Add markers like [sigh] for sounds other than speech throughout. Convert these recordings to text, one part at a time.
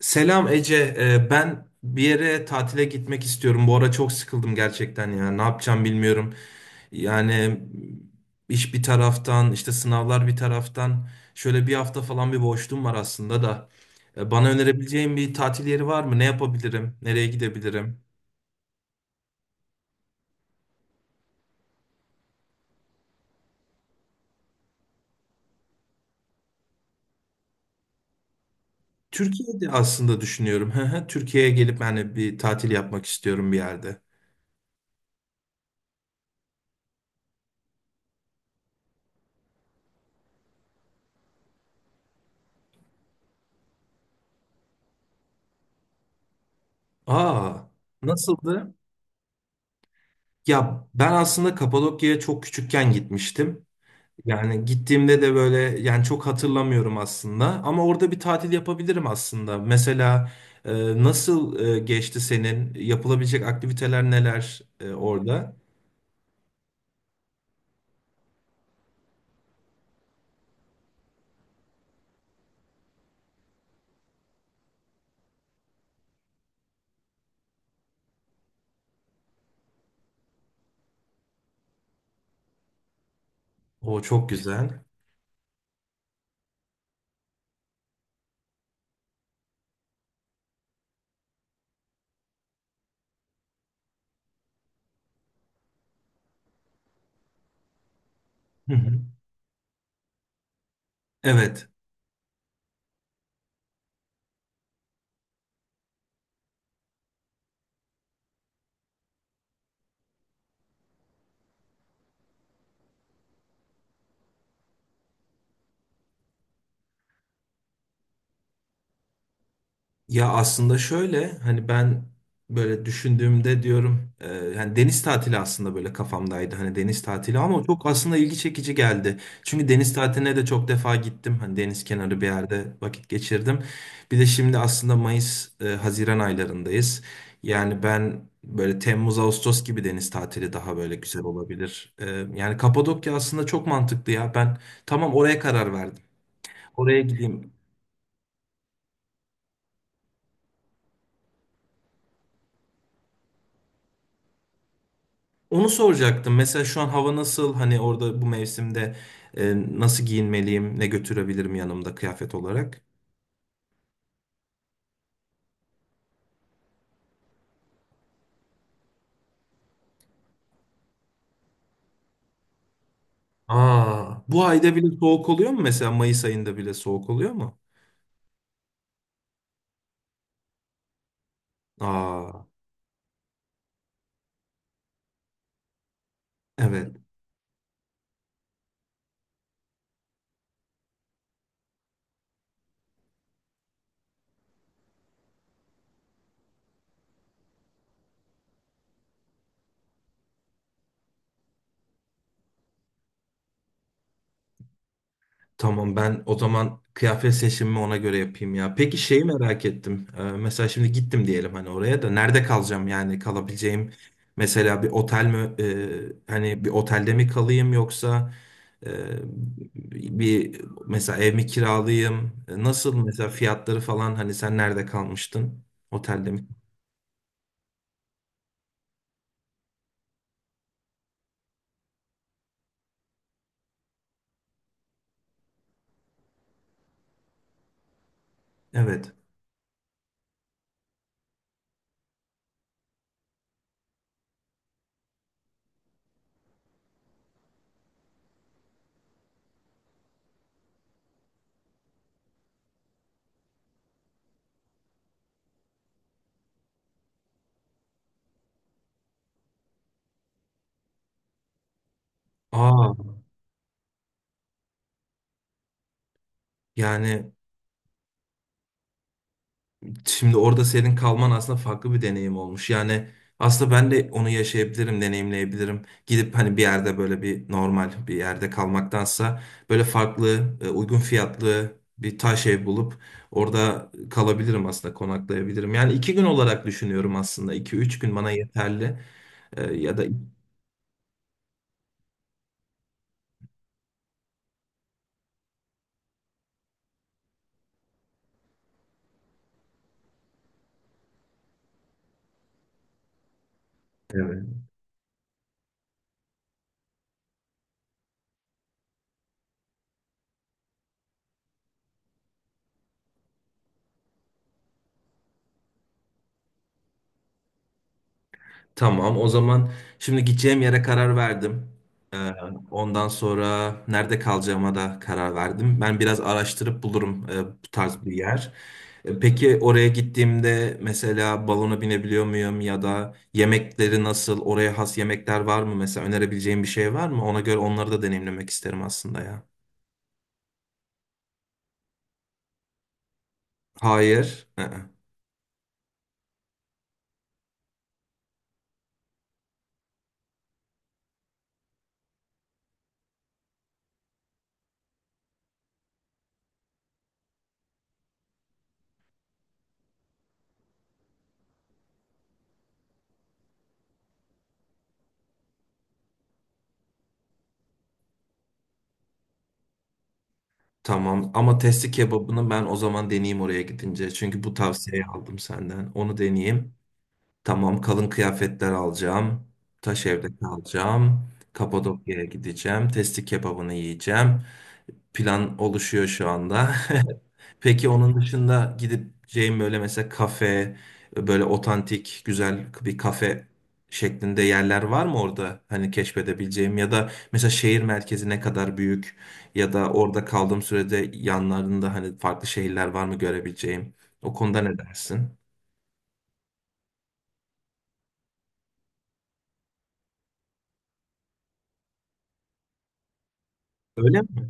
Selam Ece. Ben bir yere tatile gitmek istiyorum. Bu ara çok sıkıldım gerçekten ya. Ne yapacağım bilmiyorum. Yani iş bir taraftan, işte sınavlar bir taraftan. Şöyle bir hafta falan bir boşluğum var aslında da. Bana önerebileceğin bir tatil yeri var mı? Ne yapabilirim? Nereye gidebilirim? Türkiye'de aslında düşünüyorum. [laughs] Hı hı, Türkiye'ye gelip hani bir tatil yapmak istiyorum bir yerde. Aa, nasıldı? Ya ben aslında Kapadokya'ya çok küçükken gitmiştim. Yani gittiğimde de böyle yani çok hatırlamıyorum aslında ama orada bir tatil yapabilirim aslında. Mesela nasıl geçti senin? Yapılabilecek aktiviteler neler orada? O çok güzel. Hı hı. Evet. Ya aslında şöyle hani ben böyle düşündüğümde diyorum yani deniz tatili aslında böyle kafamdaydı hani deniz tatili ama çok aslında ilgi çekici geldi. Çünkü deniz tatiline de çok defa gittim hani deniz kenarı bir yerde vakit geçirdim. Bir de şimdi aslında Mayıs Haziran aylarındayız. Yani ben böyle Temmuz Ağustos gibi deniz tatili daha böyle güzel olabilir. E, yani Kapadokya aslında çok mantıklı ya ben tamam oraya karar verdim. Oraya gideyim. Onu soracaktım. Mesela şu an hava nasıl? Hani orada bu mevsimde nasıl giyinmeliyim? Ne götürebilirim yanımda kıyafet olarak? Aa, bu ayda bile soğuk oluyor mu? Mesela Mayıs ayında bile soğuk oluyor mu? Aa, evet. Tamam ben o zaman kıyafet seçimimi ona göre yapayım ya. Peki şeyi merak ettim. Mesela şimdi gittim diyelim hani oraya da nerede kalacağım yani kalabileceğim mesela bir otel mi, hani bir otelde mi kalayım yoksa e, bir mesela ev mi kiralayayım? E, nasıl mesela fiyatları falan hani sen nerede kalmıştın? Otelde mi? Evet. Aa yani şimdi orada senin kalman aslında farklı bir deneyim olmuş. Yani aslında ben de onu yaşayabilirim, deneyimleyebilirim. Gidip hani bir yerde böyle bir normal bir yerde kalmaktansa böyle farklı, uygun fiyatlı bir taş ev bulup orada kalabilirim aslında, konaklayabilirim. Yani iki gün olarak düşünüyorum aslında. İki, üç gün bana yeterli. Ya da evet. Tamam, o zaman şimdi gideceğim yere karar verdim. Ee, ondan sonra nerede kalacağıma da karar verdim. Ben biraz araştırıp bulurum bu tarz bir yer. E, peki oraya gittiğimde mesela balona binebiliyor muyum ya da yemekleri nasıl, oraya has yemekler var mı? Mesela önerebileceğim bir şey var mı? Ona göre onları da deneyimlemek isterim aslında ya. Hayır. Tamam ama testi kebabını ben o zaman deneyeyim oraya gidince. Çünkü bu tavsiyeyi aldım senden. Onu deneyeyim. Tamam, kalın kıyafetler alacağım. Taş evde kalacağım. Kapadokya'ya gideceğim. Testi kebabını yiyeceğim. Plan oluşuyor şu anda. [laughs] Peki onun dışında gideceğim böyle mesela kafe, böyle otantik, güzel bir kafe şeklinde yerler var mı orada? Hani keşfedebileceğim ya da mesela şehir merkezi ne kadar büyük ya da orada kaldığım sürede yanlarında hani farklı şehirler var mı görebileceğim? O konuda ne dersin? Öyle mi?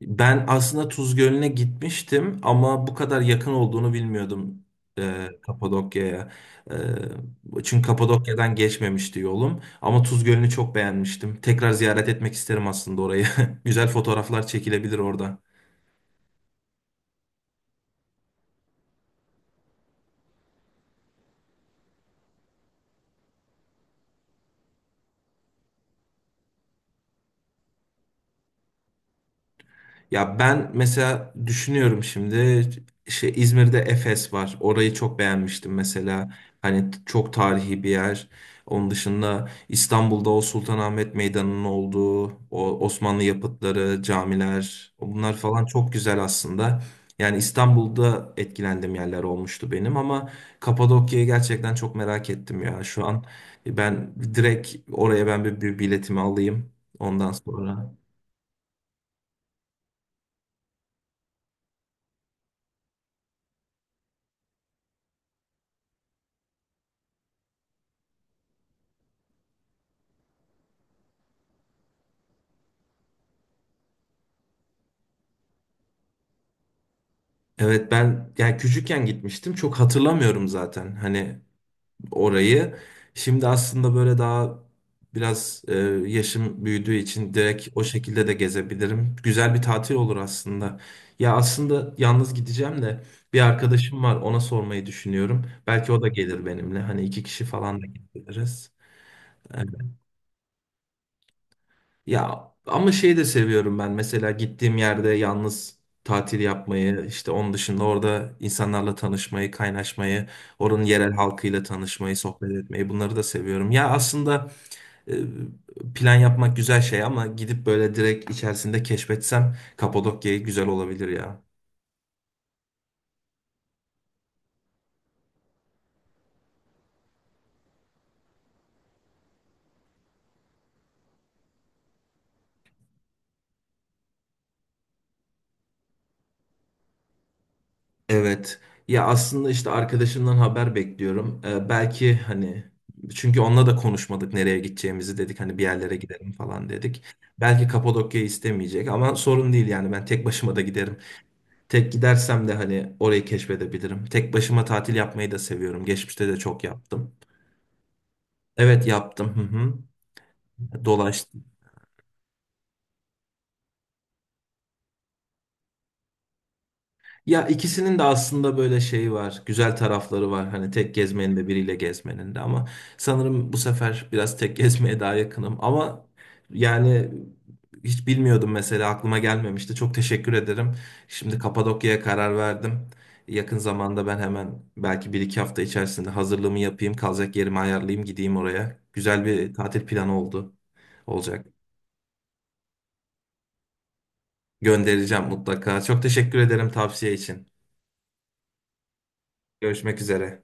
Ben aslında Tuz Gölü'ne gitmiştim ama bu kadar yakın olduğunu bilmiyordum Kapadokya'ya. E, çünkü Kapadokya'dan geçmemişti yolum. Ama Tuz Gölü'nü çok beğenmiştim. Tekrar ziyaret etmek isterim aslında orayı. [laughs] Güzel fotoğraflar çekilebilir orada. Ya ben mesela düşünüyorum şimdi şey İzmir'de Efes var. Orayı çok beğenmiştim mesela. Hani çok tarihi bir yer. Onun dışında İstanbul'da o Sultanahmet Meydanı'nın olduğu, o Osmanlı yapıtları, camiler, bunlar falan çok güzel aslında. Yani İstanbul'da etkilendiğim yerler olmuştu benim ama Kapadokya'yı gerçekten çok merak ettim ya. Şu an ben direkt oraya ben bir biletimi alayım ondan sonra. Evet ben yani küçükken gitmiştim çok hatırlamıyorum zaten hani orayı. Şimdi aslında böyle daha biraz yaşım büyüdüğü için direkt o şekilde de gezebilirim. Güzel bir tatil olur aslında. Ya aslında yalnız gideceğim de bir arkadaşım var, ona sormayı düşünüyorum. Belki o da gelir benimle hani iki kişi falan da gidebiliriz. Ya ama şeyi de seviyorum ben. Mesela gittiğim yerde yalnız tatil yapmayı, işte onun dışında orada insanlarla tanışmayı, kaynaşmayı, oranın yerel halkıyla tanışmayı, sohbet etmeyi bunları da seviyorum. Ya aslında e, plan yapmak güzel şey ama gidip böyle direkt içerisinde keşfetsem Kapadokya'yı güzel olabilir ya. Evet. Ya aslında işte arkadaşımdan haber bekliyorum. Belki hani, çünkü onunla da konuşmadık nereye gideceğimizi, dedik hani bir yerlere gidelim falan dedik. Belki Kapadokya istemeyecek ama sorun değil yani ben tek başıma da giderim. Tek gidersem de hani orayı keşfedebilirim. Tek başıma tatil yapmayı da seviyorum. Geçmişte de çok yaptım. Evet yaptım. Hı hı. Dolaştım. Ya ikisinin de aslında böyle şeyi var, güzel tarafları var. Hani tek gezmenin de biriyle gezmenin de, ama sanırım bu sefer biraz tek [laughs] gezmeye daha yakınım. Ama yani hiç bilmiyordum mesela, aklıma gelmemişti. Çok teşekkür ederim. Şimdi Kapadokya'ya karar verdim. Yakın zamanda ben hemen belki bir iki hafta içerisinde hazırlığımı yapayım, kalacak yerimi ayarlayayım, gideyim oraya. Güzel bir tatil planı oldu, olacak. Göndereceğim mutlaka. Çok teşekkür ederim tavsiye için. Görüşmek üzere.